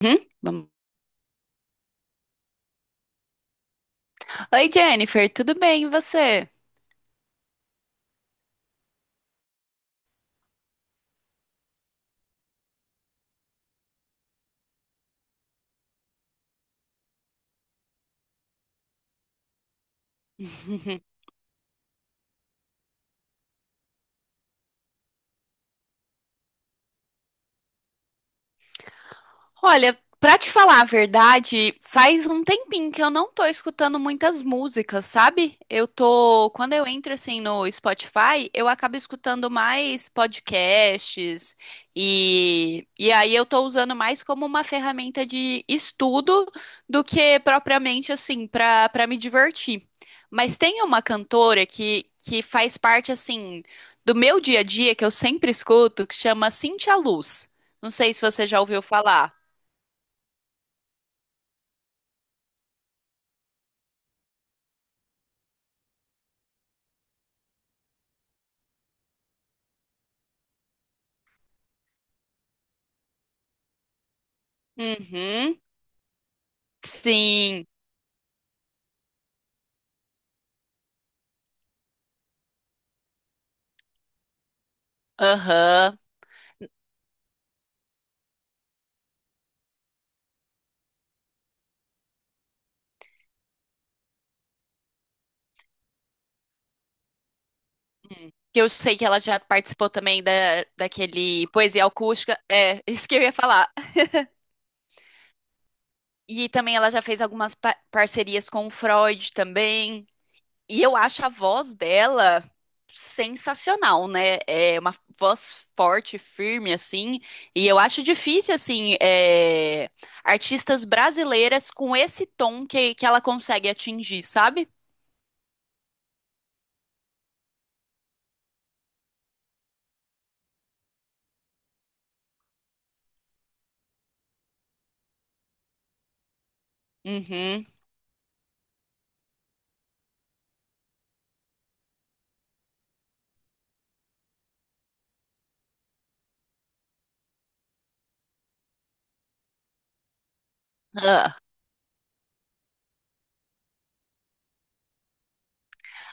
Uhum, vamos. Oi, Jennifer, tudo bem? E você? Olha, pra te falar a verdade, faz um tempinho que eu não tô escutando muitas músicas, sabe? Quando eu entro assim no Spotify, eu acabo escutando mais podcasts e aí eu tô usando mais como uma ferramenta de estudo do que propriamente assim pra para me divertir. Mas tem uma cantora que faz parte assim do meu dia a dia que eu sempre escuto, que chama Cintia Luz. Não sei se você já ouviu falar. Uhum. Sim. Aham. Hum. Que eu sei que ela já participou também daquele Poesia Acústica. É, isso que eu ia falar. E também ela já fez algumas parcerias com o Freud também. E eu acho a voz dela sensacional, né? É uma voz forte, firme, assim. E eu acho difícil, assim, artistas brasileiras com esse tom que ela consegue atingir, sabe? Uhum. Ah.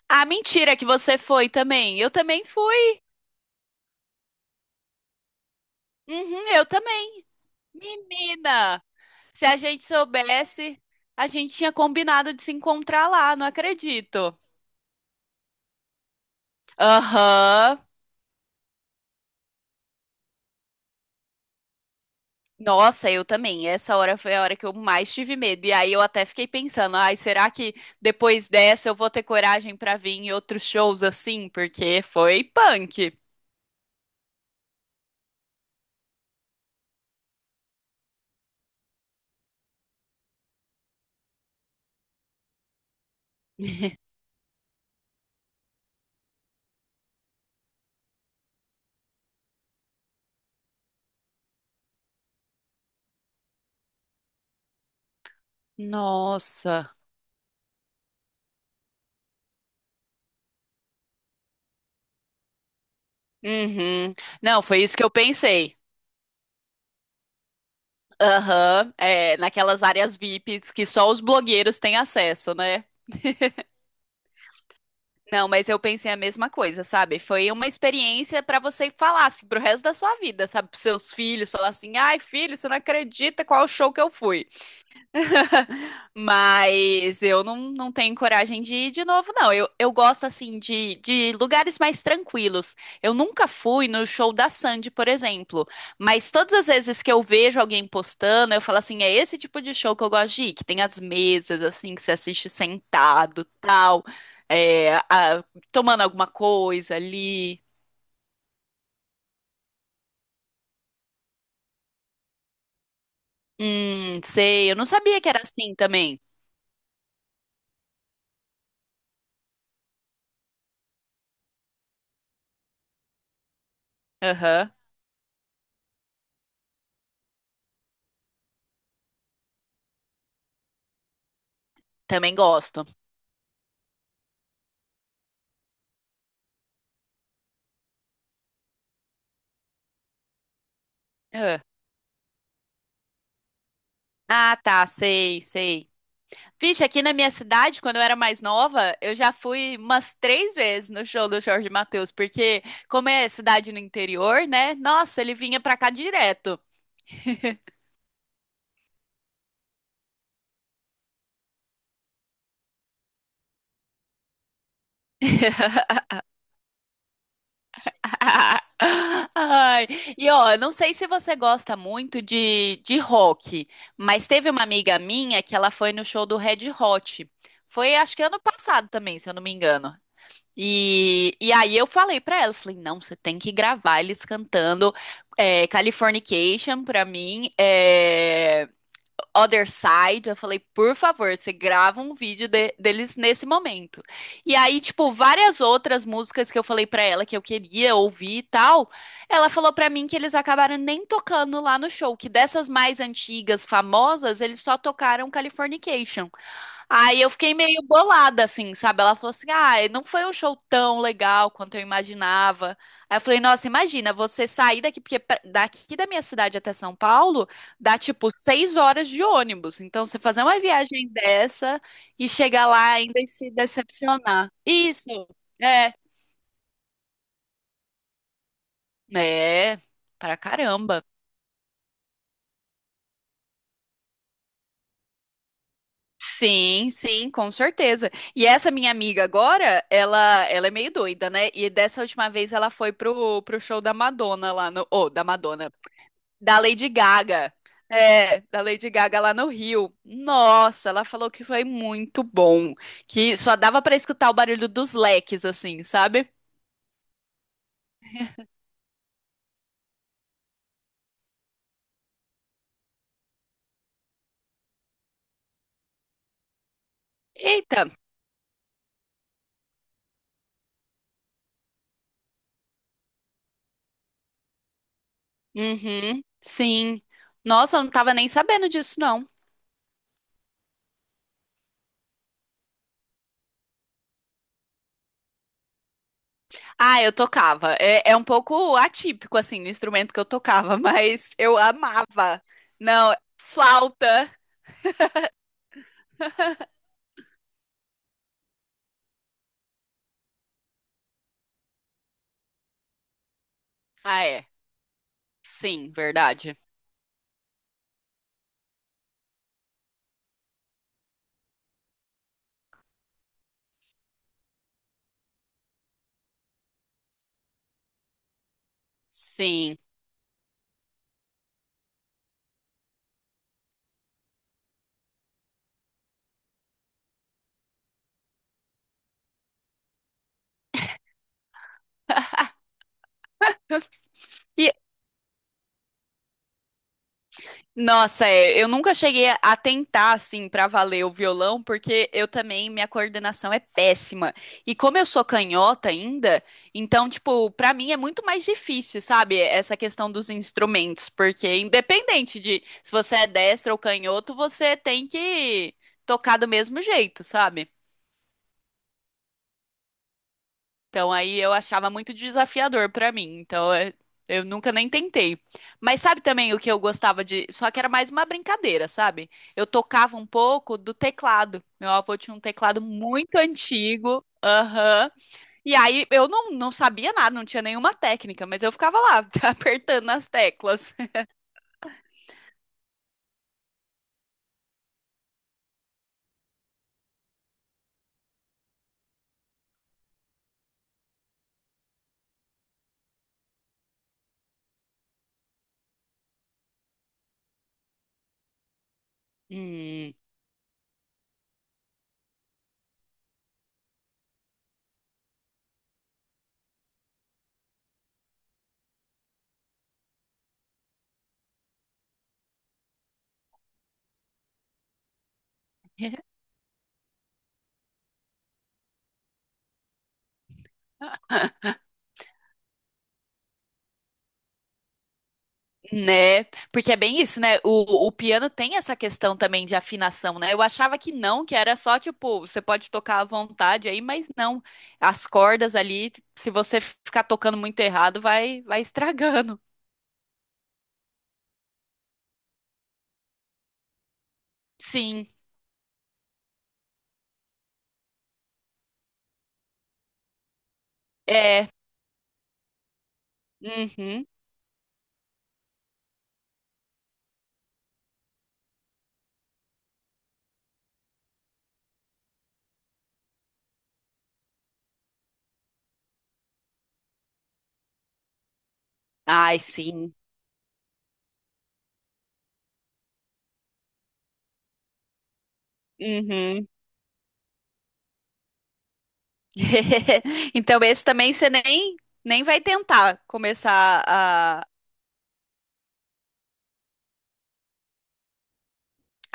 Ah, mentira que você foi também. Eu também fui. Uhum, eu também. Menina, se a gente soubesse, a gente tinha combinado de se encontrar lá, não acredito. Aham. Nossa, eu também. Essa hora foi a hora que eu mais tive medo. E aí eu até fiquei pensando, ai, será que depois dessa eu vou ter coragem pra vir em outros shows assim? Porque foi punk. Nossa. Uhum. Não, foi isso que eu pensei. Aham, naquelas áreas VIPs que só os blogueiros têm acesso, né? Não, mas eu pensei a mesma coisa, sabe? Foi uma experiência pra você falar assim, pro resto da sua vida, sabe? Pros seus filhos, falar assim: ai, filho, você não acredita qual show que eu fui. Mas eu não, não tenho coragem de ir de novo, não. Eu gosto, assim, de lugares mais tranquilos. Eu nunca fui no show da Sandy, por exemplo. Mas todas as vezes que eu vejo alguém postando, eu falo assim: é esse tipo de show que eu gosto de ir, que tem as mesas, assim, que você assiste sentado, tal, é, a- tomando alguma coisa ali. Sei. Eu não sabia que era assim também. Aham. Também gosto. Ah, Ah, tá, sei, sei. Vixe, aqui na minha cidade, quando eu era mais nova, eu já fui umas 3 vezes no show do Jorge Mateus, porque como é cidade no interior, né? Nossa, ele vinha pra cá direto. Ai, e ó, eu não sei se você gosta muito de rock, mas teve uma amiga minha que ela foi no show do Red Hot. Foi, acho que ano passado também, se eu não me engano. E aí eu falei pra ela, eu falei, não, você tem que gravar eles cantando Californication pra mim, Other Side. Eu falei, por favor, você grava um vídeo deles nesse momento. E aí, tipo, várias outras músicas que eu falei pra ela que eu queria ouvir e tal, ela falou pra mim que eles acabaram nem tocando lá no show, que dessas mais antigas, famosas, eles só tocaram Californication. Aí eu fiquei meio bolada, assim, sabe? Ela falou assim: ah, não foi um show tão legal quanto eu imaginava. Aí eu falei: nossa, imagina você sair daqui, porque daqui da minha cidade até São Paulo dá tipo 6 horas de ônibus. Então você fazer uma viagem dessa e chegar lá ainda e se decepcionar. Isso, é, é, pra caramba. Sim, sim, com certeza. E essa minha amiga agora, ela é meio doida, né? E dessa última vez ela foi pro show da Madonna lá no, ou da Madonna, da Lady Gaga. É, da Lady Gaga lá no Rio. Nossa, ela falou que foi muito bom, que só dava pra escutar o barulho dos leques assim, sabe? Eita. Uhum. Sim. Nossa, eu não tava nem sabendo disso não. Ah, eu tocava. É um pouco atípico, assim, no instrumento que eu tocava, mas eu amava. Não, flauta. Ah, é. Sim, verdade. Sim. E nossa, eu nunca cheguei a tentar assim pra valer o violão, porque eu também minha coordenação é péssima. E como eu sou canhota ainda, então tipo, pra mim é muito mais difícil, sabe? Essa questão dos instrumentos, porque independente de se você é destro ou canhoto, você tem que tocar do mesmo jeito, sabe? Então aí eu achava muito desafiador pra mim. Então eu nunca nem tentei. Mas sabe também o que eu gostava de, só que era mais uma brincadeira, sabe? Eu tocava um pouco do teclado. Meu avô tinha um teclado muito antigo. Aham. E aí eu não, não sabia nada, não tinha nenhuma técnica, mas eu ficava lá apertando as teclas. Hum. Né? Porque é bem isso, né? O piano tem essa questão também de afinação, né? Eu achava que não, que era só tipo, você pode tocar à vontade aí, mas não. As cordas ali, se você ficar tocando muito errado, vai estragando. Sim, é. Uhum. Ai, sim. Uhum. Então, esse também você nem vai tentar começar.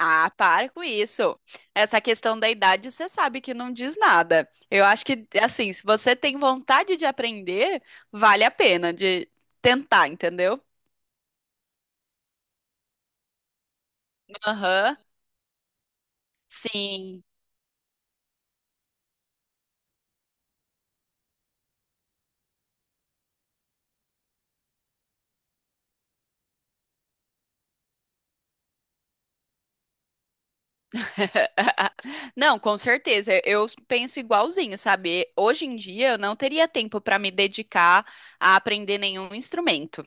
Ah, para com isso. Essa questão da idade, você sabe que não diz nada. Eu acho que, assim, se você tem vontade de aprender, vale a pena de tentar, entendeu? Aham, sim. Não, com certeza. Eu penso igualzinho, sabe? Hoje em dia, eu não teria tempo para me dedicar a aprender nenhum instrumento.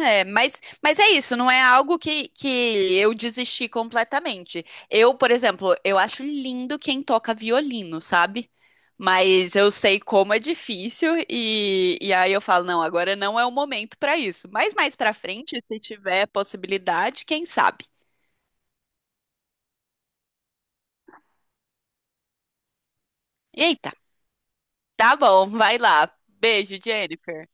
É, mas é isso, não é algo que eu desisti completamente. Eu, por exemplo, eu acho lindo quem toca violino, sabe? Mas eu sei como é difícil e aí eu falo, não, agora não é o momento para isso. Mas mais para frente, se tiver possibilidade, quem sabe? Eita, tá bom, vai lá. Beijo, Jennifer.